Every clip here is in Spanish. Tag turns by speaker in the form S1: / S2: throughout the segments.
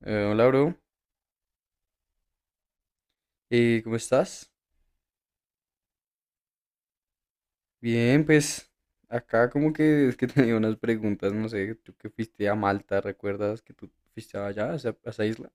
S1: Hola, bro. ¿Cómo estás? Bien, pues acá como que es que tenía unas preguntas, no sé, tú que fuiste a Malta, ¿recuerdas que tú fuiste allá, a esa isla?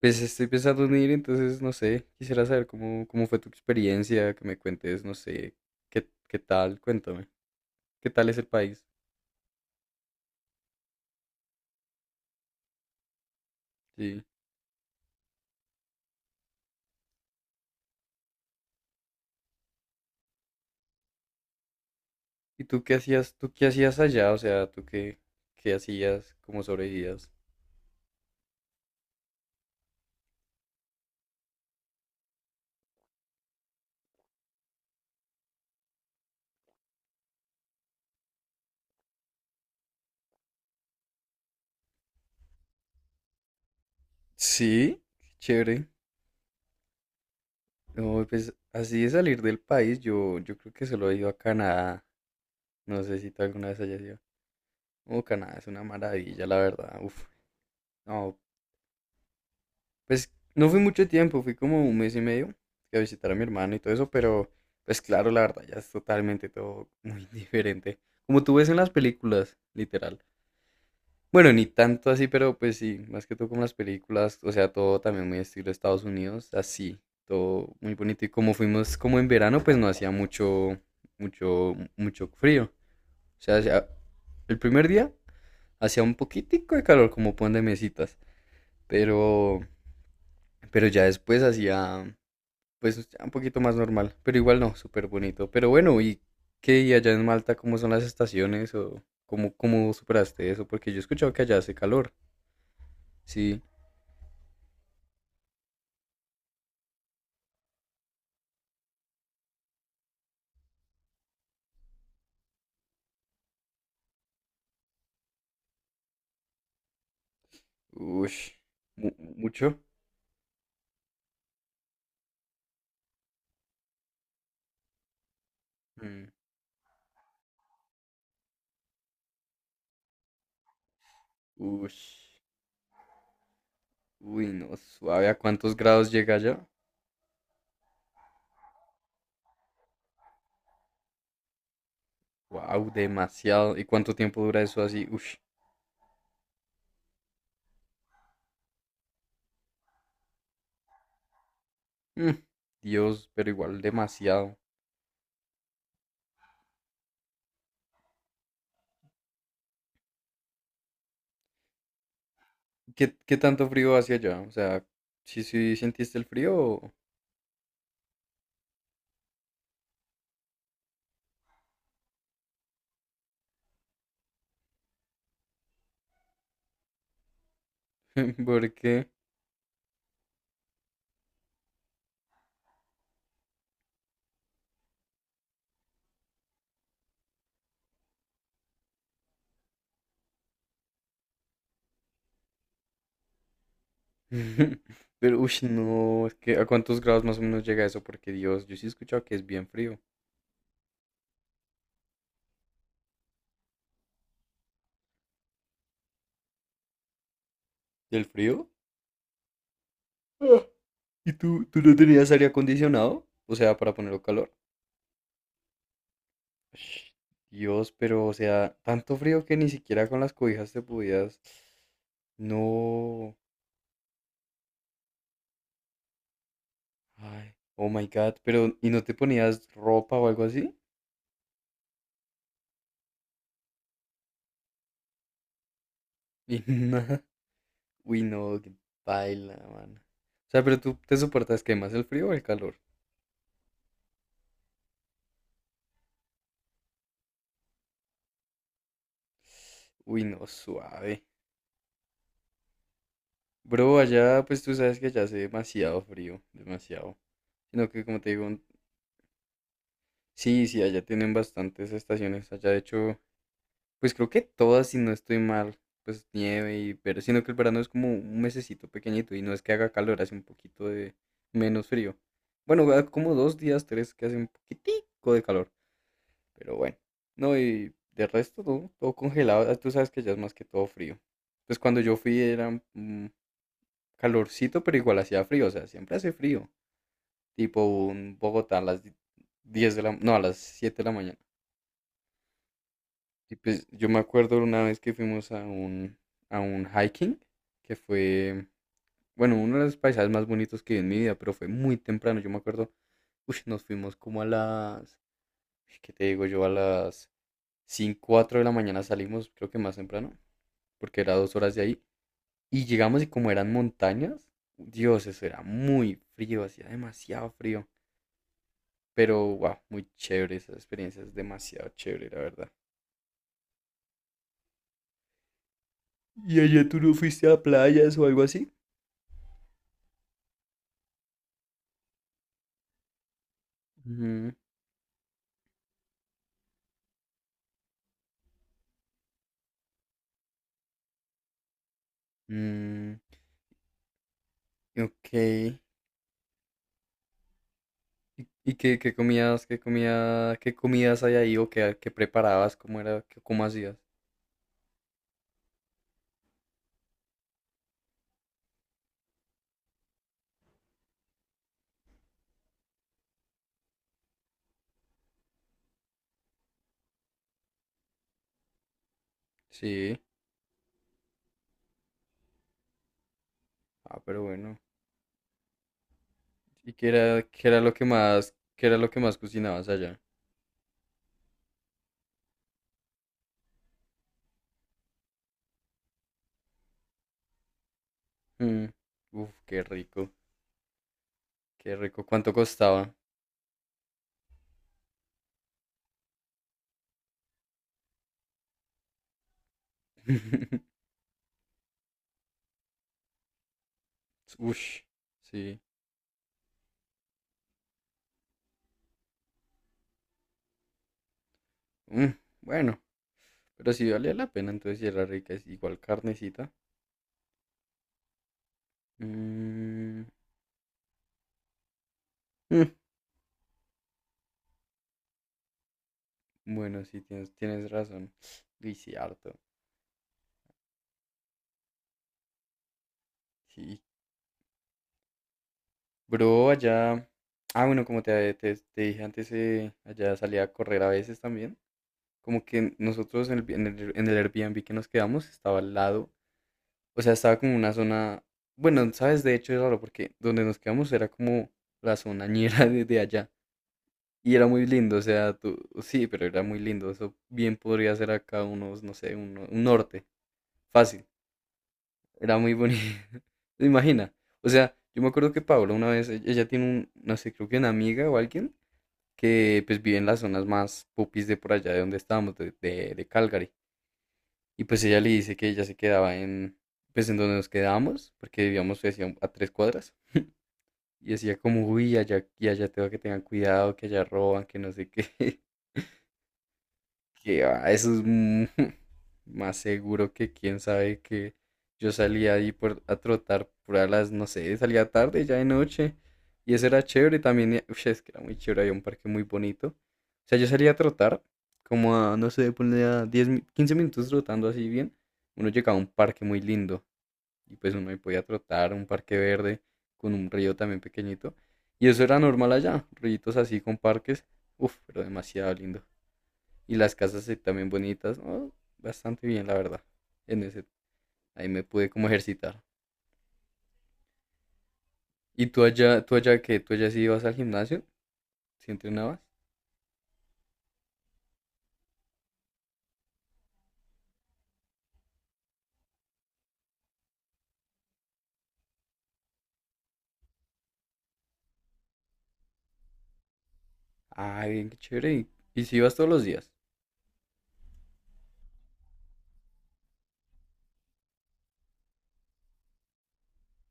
S1: Pues estoy pensando en ir, entonces no sé, quisiera saber cómo fue tu experiencia, que me cuentes, no sé, qué tal, cuéntame, qué tal es el país. Sí. ¿Y tú qué hacías allá? O sea, ¿tú qué hacías, cómo sobrevivías? Sí, qué chévere. No, pues así de salir del país, yo creo que solo he ido a Canadá. No sé si tú alguna vez hayas ido. Oh, Canadá es una maravilla, la verdad. Uf. No, pues no fui mucho tiempo, fui como un mes y medio, fui a visitar a mi hermano y todo eso, pero pues claro, la verdad ya es totalmente todo muy diferente. Como tú ves en las películas, literal. Bueno, ni tanto así, pero pues sí, más que todo como las películas, o sea, todo también muy estilo Estados Unidos, así, todo muy bonito. Y como fuimos como en verano, pues no hacía mucho frío. O sea, el primer día hacía un poquitico de calor, como pon de mesitas, pero, ya después hacía, pues, ya un poquito más normal, pero igual no, súper bonito. Pero bueno, ¿y qué? ¿Y allá en Malta cómo son las estaciones o cómo superaste eso? Porque yo he escuchado que allá hace calor, sí. Ush. Mucho. Mm. Ush. Uy, no, suave. ¿A cuántos grados llega allá? Wow, demasiado. ¿Y cuánto tiempo dura eso así? Ush. Mm. Dios, pero igual demasiado. ¿Qué tanto frío hacia allá? O sea, ¿sí sentiste el frío? ¿Por qué? Pero, ush, no, es que ¿a cuántos grados más o menos llega eso? Porque Dios, yo sí he escuchado que es bien frío. ¿Del frío? Ah. ¿Y tú no tenías aire acondicionado? O sea, para ponerlo calor. Dios, pero o sea, tanto frío que ni siquiera con las cobijas te podías. No. Ay, oh my God. Pero, ¿y no te ponías ropa o algo así? Y nada. Uy, no, qué paila, mano. O sea, pero tú te soportas que más el frío o el calor. Uy, no, suave. Bro, allá, pues tú sabes que allá hace demasiado frío, demasiado. Sino que, como te digo, sí, sí, allá tienen bastantes estaciones. Allá, de hecho, pues creo que todas, si no estoy mal, pues nieve y pero sino que el verano es como un mesecito pequeñito y no es que haga calor, hace un poquito de menos frío. Bueno, va como 2 días, tres, que hace un poquitico de calor, pero bueno. No, y de resto todo congelado. Ah, tú sabes que ya es más que todo frío. Pues cuando yo fui era calorcito, pero igual hacía frío, o sea, siempre hace frío. Tipo un Bogotá a las 10 de la, no, a las 7 de la mañana. Y pues yo me acuerdo una vez que fuimos a un, hiking, que fue, bueno, uno de los paisajes más bonitos que vi en mi vida, pero fue muy temprano. Yo me acuerdo, uy, nos fuimos como a las, ¿qué te digo yo? A las 5, 4 de la mañana, salimos, creo que más temprano, porque era 2 horas de ahí. Y llegamos y como eran montañas, Dios, eso era muy frío, hacía demasiado frío. Pero, wow, muy chévere, esa experiencia es demasiado chévere, la verdad. ¿Y allá tú no fuiste a playas o algo así? Mm, ok. ¿Y, qué, comías, qué comía, qué comidas hay ahí o qué preparabas? ¿Cómo era, cómo hacías? Sí. Ah, pero bueno. ¿Y qué era lo que más, qué era lo que más cocinabas allá? Mm, uf, qué rico, qué rico. ¿Cuánto costaba? Ush, sí. Mm, bueno, pero sí valía la pena, entonces si era rica, es igual carnecita. Mm, mm, bueno, sí, tienes razón. Y sí, harto. Sí, bro, allá. Ah, bueno, como te dije antes, allá salía a correr a veces también. Como que nosotros en el, en el Airbnb que nos quedamos, estaba al lado. O sea, estaba como una zona. Bueno, sabes, de hecho es raro porque donde nos quedamos era como la zona ñera de allá. Y era muy lindo, o sea, tú. Sí, pero era muy lindo. Eso bien podría ser acá unos, no sé, un norte. Fácil. Era muy bonito. Imagina. O sea, yo me acuerdo que Paola una vez, ella tiene un, no sé, creo que una amiga o alguien que pues vive en las zonas más popis de por allá de donde estábamos, de Calgary. Y pues ella le dice que ella se quedaba en, pues en donde nos quedábamos, porque vivíamos, decía, a 3 cuadras. Y decía como, uy, allá, y allá tengo que, tengan cuidado, que allá roban, que no sé qué. Que va, eso es más seguro que quién sabe que yo salía ahí por, a trotar por a las, no sé, salía tarde, ya de noche. Y eso era chévere también. Es que era muy chévere, había un parque muy bonito. O sea, yo salía a trotar, como a, no sé, ponle a 15 minutos trotando así bien. Uno llegaba a un parque muy lindo. Y pues uno ahí podía trotar, un parque verde, con un río también pequeñito. Y eso era normal allá, ríos así con parques. Uf, pero demasiado lindo. Y las casas, también bonitas, ¿no? Bastante bien, la verdad. En ese, Ahí me pude como ejercitar. ¿Tú allá sí ibas al gimnasio? ¿Sí entrenabas? Ah, bien, qué chévere. ¿Y si ibas todos los días?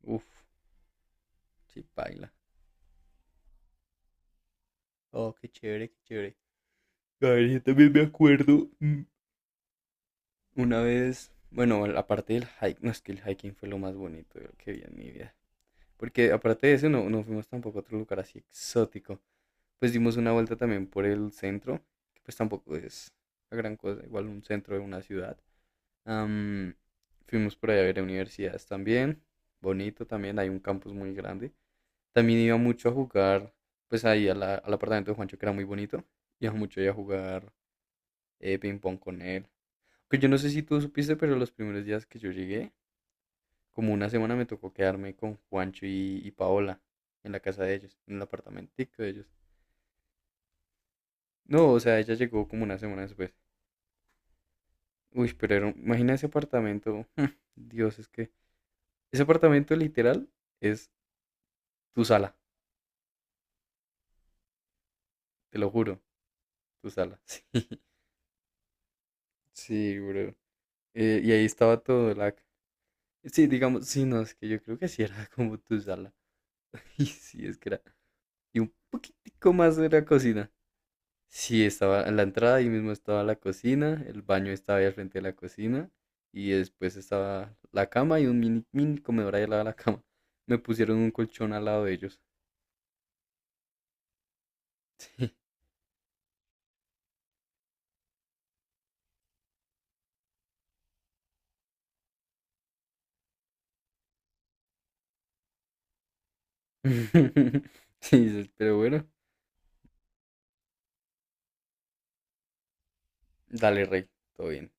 S1: Uf, sí, baila. Oh, qué chévere, qué chévere. A ver, yo también me acuerdo. Una vez, bueno, aparte del hiking, no, es que el hiking fue lo más bonito, yo, que vi en mi vida. Porque aparte de eso, no, no fuimos tampoco a otro lugar así exótico. Pues dimos una vuelta también por el centro, que pues tampoco es la gran cosa, igual un centro de una ciudad. Am, Fuimos por ahí a ver universidades también, bonito también, hay un campus muy grande. También iba mucho a jugar, pues ahí a al apartamento de Juancho, que era muy bonito, iba mucho ahí a jugar ping pong con él. Que yo no sé si tú supiste, pero los primeros días que yo llegué, como una semana me tocó quedarme con Juancho y Paola en la casa de ellos, en el apartamentico de ellos. No, o sea, ella llegó como una semana después. Uy, pero era imagina ese apartamento. Dios, es que ese apartamento literal es tu sala, te lo juro, tu sala. Sí, sí, bro. Y ahí estaba todo la... Sí, digamos, sí, no, es que yo creo que sí era como tu sala. Y sí, es que era... Y un poquitico más de la cocina. Sí, estaba en la entrada, ahí mismo estaba la cocina, el baño estaba ahí al frente de la cocina, y después estaba la cama y un mini, mini comedor ahí al lado de la cama. Me pusieron un colchón al lado de ellos. Sí, dices, pero bueno, dale, rey, todo bien.